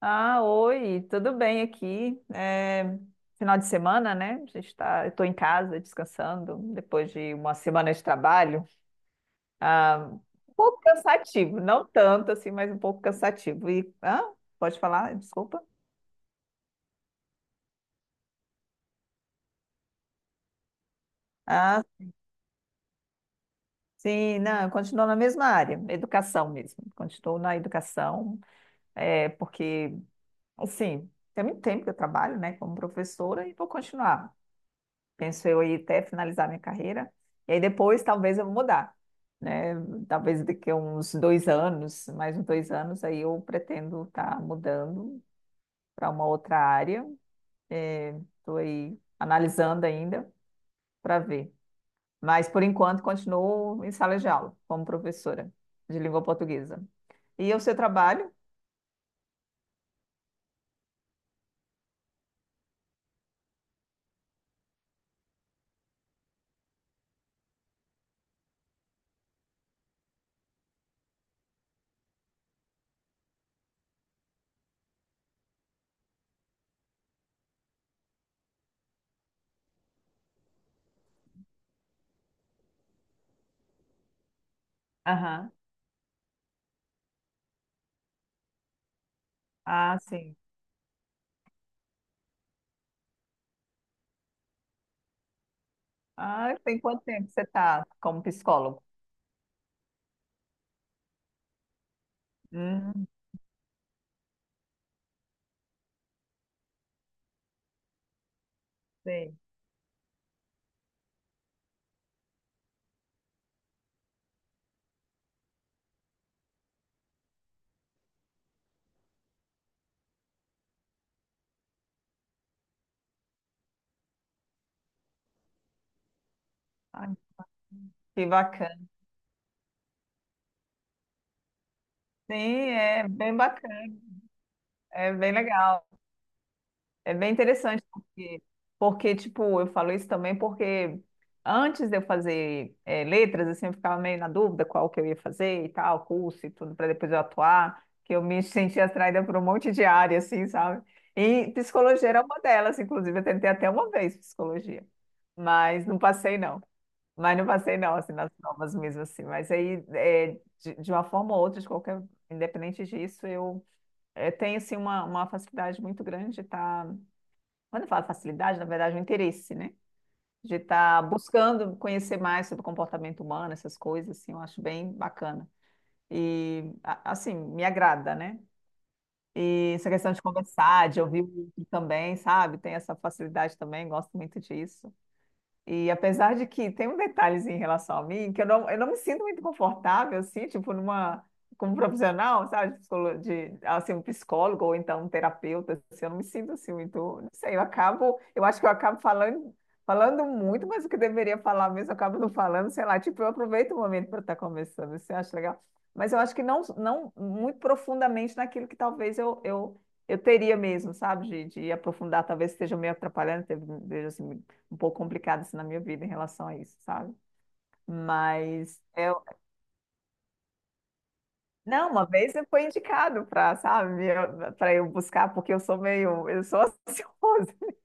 Ah, oi, tudo bem aqui? Final de semana, né? A gente tá, eu estou em casa descansando depois de uma semana de trabalho. Ah, um pouco cansativo, não tanto assim, mas um pouco cansativo. E, ah, pode falar? Desculpa. Ah, sim, não, eu continuo na mesma área, educação mesmo. Continuo na educação, porque, assim, tem muito tempo que eu trabalho, né, como professora e vou continuar. Penso eu aí até finalizar minha carreira. E aí depois talvez eu mudar, né? Talvez daqui a uns dois anos, mais uns dois anos, aí eu pretendo estar mudando para uma outra área. Estou aí analisando ainda para ver. Mas por enquanto continuo em sala de aula como professora de língua portuguesa. E o seu trabalho? Aham. Ah, sim. Ah, tem quanto tempo que você está como psicólogo? Hum, sei. Ai, que bacana. Sim, é bem bacana, é bem legal, é bem interessante, porque, porque tipo, eu falo isso também porque antes de eu fazer letras, assim, eu ficava meio na dúvida qual que eu ia fazer e tal, curso e tudo, para depois eu atuar, que eu me sentia atraída por um monte de área, assim, sabe? E psicologia era uma delas, inclusive, eu tentei até uma vez psicologia, mas não passei, não. Mas não passei, não, assim, nas provas mesmo, assim. Mas aí, de uma forma ou outra, de qualquer, independente disso, eu tem assim uma facilidade muito grande de estar, quando eu falo facilidade, na verdade, é um interesse, né? De estar buscando conhecer mais sobre o comportamento humano, essas coisas, assim, eu acho bem bacana. E, assim, me agrada, né? E essa questão de conversar, de ouvir o outro também, sabe? Tem essa facilidade também, gosto muito disso. E apesar de que tem um detalhezinho em relação a mim, que eu não me sinto muito confortável, assim, tipo, numa, como profissional, sabe, de, assim, um psicólogo ou então um terapeuta, assim, eu não me sinto, assim, muito, não sei, eu acabo, eu acho que eu acabo falando, falando muito, mas o que deveria falar mesmo, eu acabo não falando, sei lá, tipo, eu aproveito o momento para estar conversando, você acha legal? Mas eu acho que não, não muito profundamente naquilo que talvez eu teria mesmo, sabe, de aprofundar, talvez esteja meio atrapalhando, veja assim, um pouco complicado assim, na minha vida em relação a isso, sabe? Mas eu, não, uma vez eu fui indicado para, sabe, para eu buscar, porque eu sou meio, eu sou ansiosa.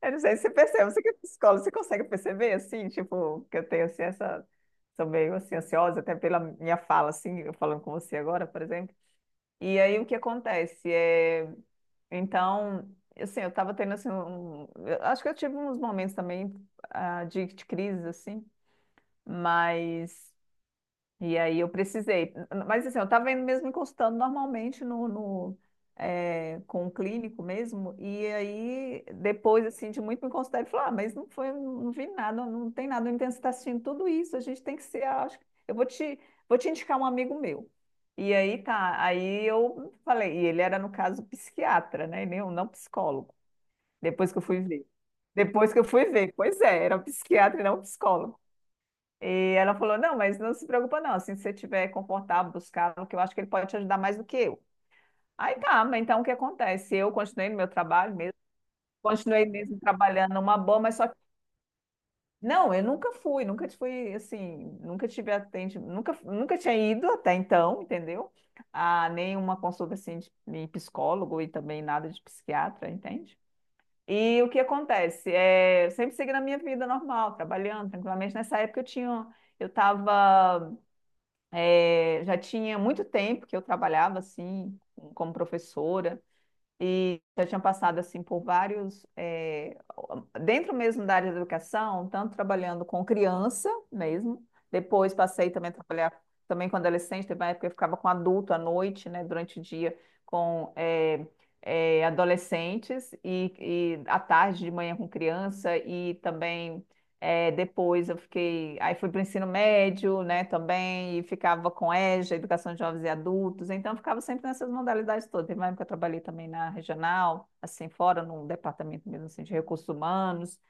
Eu não sei se você percebe, você que é psicólogo, você consegue perceber assim, tipo, que eu tenho assim essa sou meio assim ansiosa até pela minha fala assim, eu falando com você agora, por exemplo. E aí o que acontece é, então, assim, eu tava tendo assim um, eu acho que eu tive uns momentos também de crise assim, mas E aí eu precisei. Mas assim, eu estava indo mesmo me consultando normalmente no, com o clínico mesmo. E aí, depois assim, de muito me consultar, ele falou: Ah, mas não foi, não vi nada, não tem nada. Então, você está assistindo tudo isso, a gente tem que ser. Acho, eu vou te indicar um amigo meu. E aí tá, aí eu falei, e ele era, no caso, psiquiatra, né? E não psicólogo. Depois que eu fui ver. Depois que eu fui ver, pois é, era um psiquiatra e não um psicólogo. E ela falou: Não, mas não se preocupa, não. Assim, se você estiver confortável buscar, que eu acho que ele pode te ajudar mais do que eu. Aí tá, mas então o que acontece? Eu continuei no meu trabalho mesmo, continuei mesmo trabalhando numa boa, mas só que. Não, eu nunca fui, nunca fui assim, nunca tive atendimento, nunca, nunca tinha ido até então, entendeu? A nenhuma consulta assim de psicólogo e também nada de psiquiatra, entende? E o que acontece? É, eu sempre segui na minha vida normal, trabalhando tranquilamente. Nessa época eu tinha, eu estava É, já tinha muito tempo que eu trabalhava assim como professora e já tinha passado assim por vários dentro mesmo da área da educação, tanto trabalhando com criança mesmo, depois passei também a trabalhar também com adolescente, teve uma época que eu ficava com adulto à noite, né, durante o dia com adolescentes e à tarde de manhã com criança e também depois eu fiquei, aí fui para o ensino médio, né, também, e ficava com EJA, Educação de Jovens e Adultos, então eu ficava sempre nessas modalidades todas. Teve uma época que eu trabalhei também na regional, assim, fora, num departamento mesmo, assim, de recursos humanos,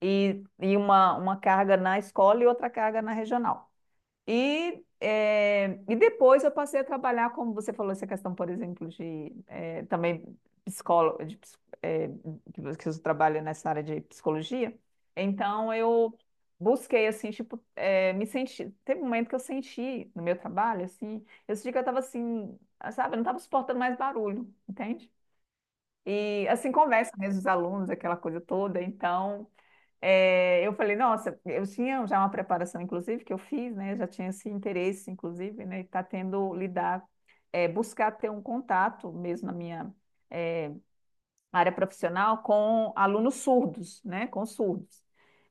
e uma carga na escola e outra carga na regional. E, e depois eu passei a trabalhar, como você falou, essa questão, por exemplo, de também psicólogo, de, que você trabalha nessa área de psicologia. Então eu busquei assim, tipo, me senti. Teve um momento que eu senti no meu trabalho, assim, eu senti que eu estava assim, sabe, eu não estava suportando mais barulho, entende? E assim, conversa mesmo os alunos, aquela coisa toda. Então é, eu falei, nossa, eu tinha já uma preparação, inclusive, que eu fiz, né? Já tinha esse interesse, inclusive, né? E tá tendo lidar, buscar ter um contato mesmo na minha é, área profissional com alunos surdos, né? Com surdos.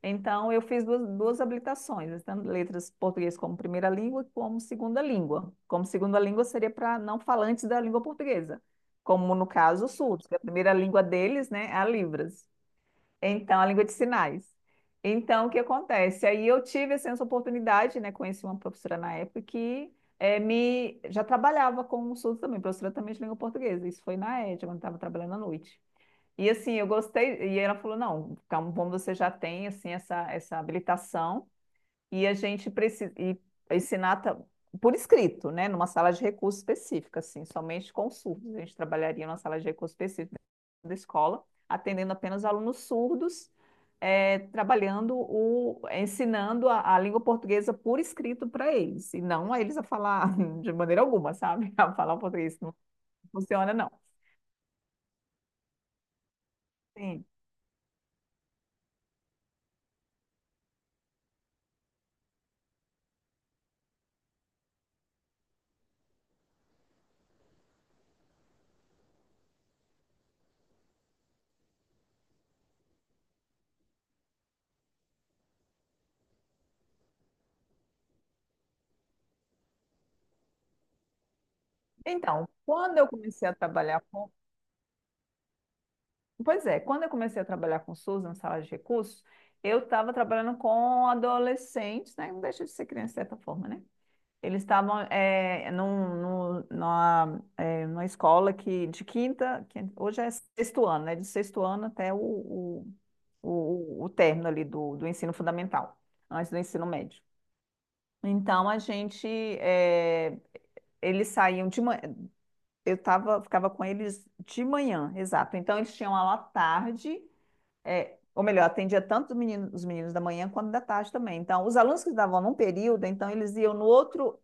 Então, eu fiz duas, duas habilitações, tanto letras português como primeira língua, como segunda língua. Como segunda língua seria para não falantes da língua portuguesa, como no caso os surdos, que a primeira língua deles, né, é a Libras. Então, a língua de sinais. Então, o que acontece? Aí eu tive assim, essa oportunidade, né? Conheci uma professora na época que me já trabalhava com o surdo também, professora também de língua portuguesa. Isso foi na ED, quando estava trabalhando à noite. E assim, eu gostei, e ela falou: não, calma, como você já tem assim, essa habilitação e a gente precisa e ensinar por escrito, né, numa sala de recursos específica, assim, somente com surdos. A gente trabalharia numa sala de recursos específica da escola, atendendo apenas alunos surdos, trabalhando o, ensinando a língua portuguesa por escrito para eles, e não a eles a falar de maneira alguma, sabe? A falar o português não funciona, não. Sim. Então, quando eu comecei a trabalhar com Pois é, quando eu comecei a trabalhar com SUS na sala de recursos, eu estava trabalhando com adolescentes, né? Não deixa de ser criança de certa forma, né? Eles estavam num, numa escola que de quinta, que hoje é sexto ano, né? De sexto ano até o término ali do ensino fundamental, antes do ensino médio. Então a gente, é, eles saíam de manhã, eu tava, ficava com eles de manhã, exato. Então eles tinham aula à tarde ou melhor, atendia tanto os meninos da manhã quanto da tarde também. Então, os alunos que estavam num período, então eles iam no outro,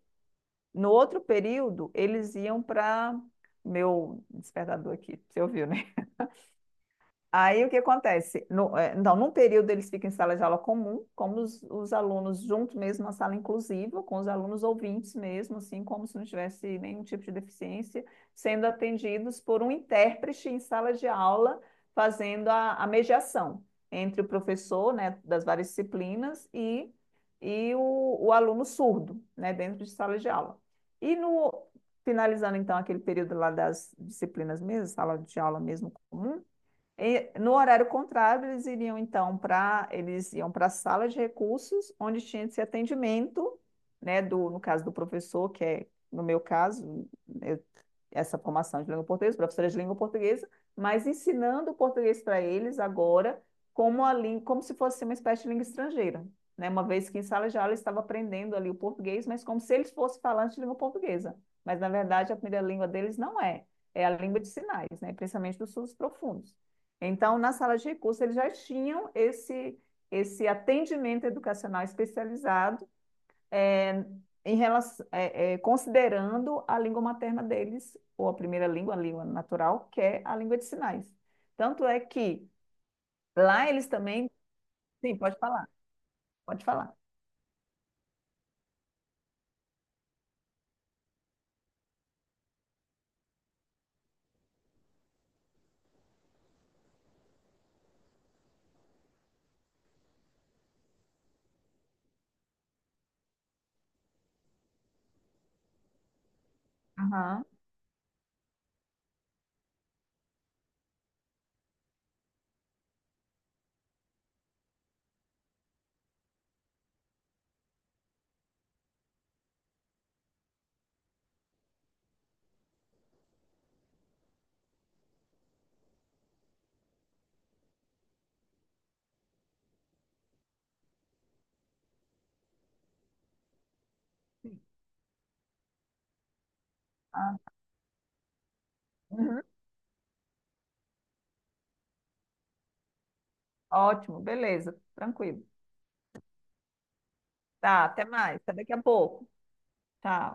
no outro período, eles iam para meu despertador aqui, você ouviu, né? Aí o que acontece? No, eh, então, num período eles ficam em sala de aula comum, como os alunos juntos mesmo, na sala inclusiva, com os alunos ouvintes mesmo, assim, como se não tivesse nenhum tipo de deficiência, sendo atendidos por um intérprete em sala de aula, fazendo a mediação entre o professor, né, das várias disciplinas e o aluno surdo, né, dentro de sala de aula. E no, finalizando então aquele período lá das disciplinas mesmo, sala de aula mesmo comum, e no horário contrário, eles iriam então para eles iam para a sala de recursos, onde tinha esse atendimento, né, do, no caso do professor, que é, no meu caso, eu- essa formação de língua portuguesa, professora de língua portuguesa, mas ensinando o português para eles agora como a língua, como se fosse uma espécie de língua estrangeira, né? Uma vez que em sala de aula eles estavam aprendendo ali o português, mas como se eles fossem falantes de língua portuguesa. Mas na verdade a primeira língua deles não é, é a língua de sinais, né? Principalmente dos sul profundos. Então, na sala de recurso, eles já tinham esse, esse atendimento educacional especializado é, em relação, considerando a língua materna deles, ou a primeira língua, a língua natural, que é a língua de sinais. Tanto é que lá eles também. Sim, pode falar, pode falar. Aham. Sim. Ah, uhum. Ótimo, beleza, tranquilo. Tá, até mais, até daqui a pouco. Tá.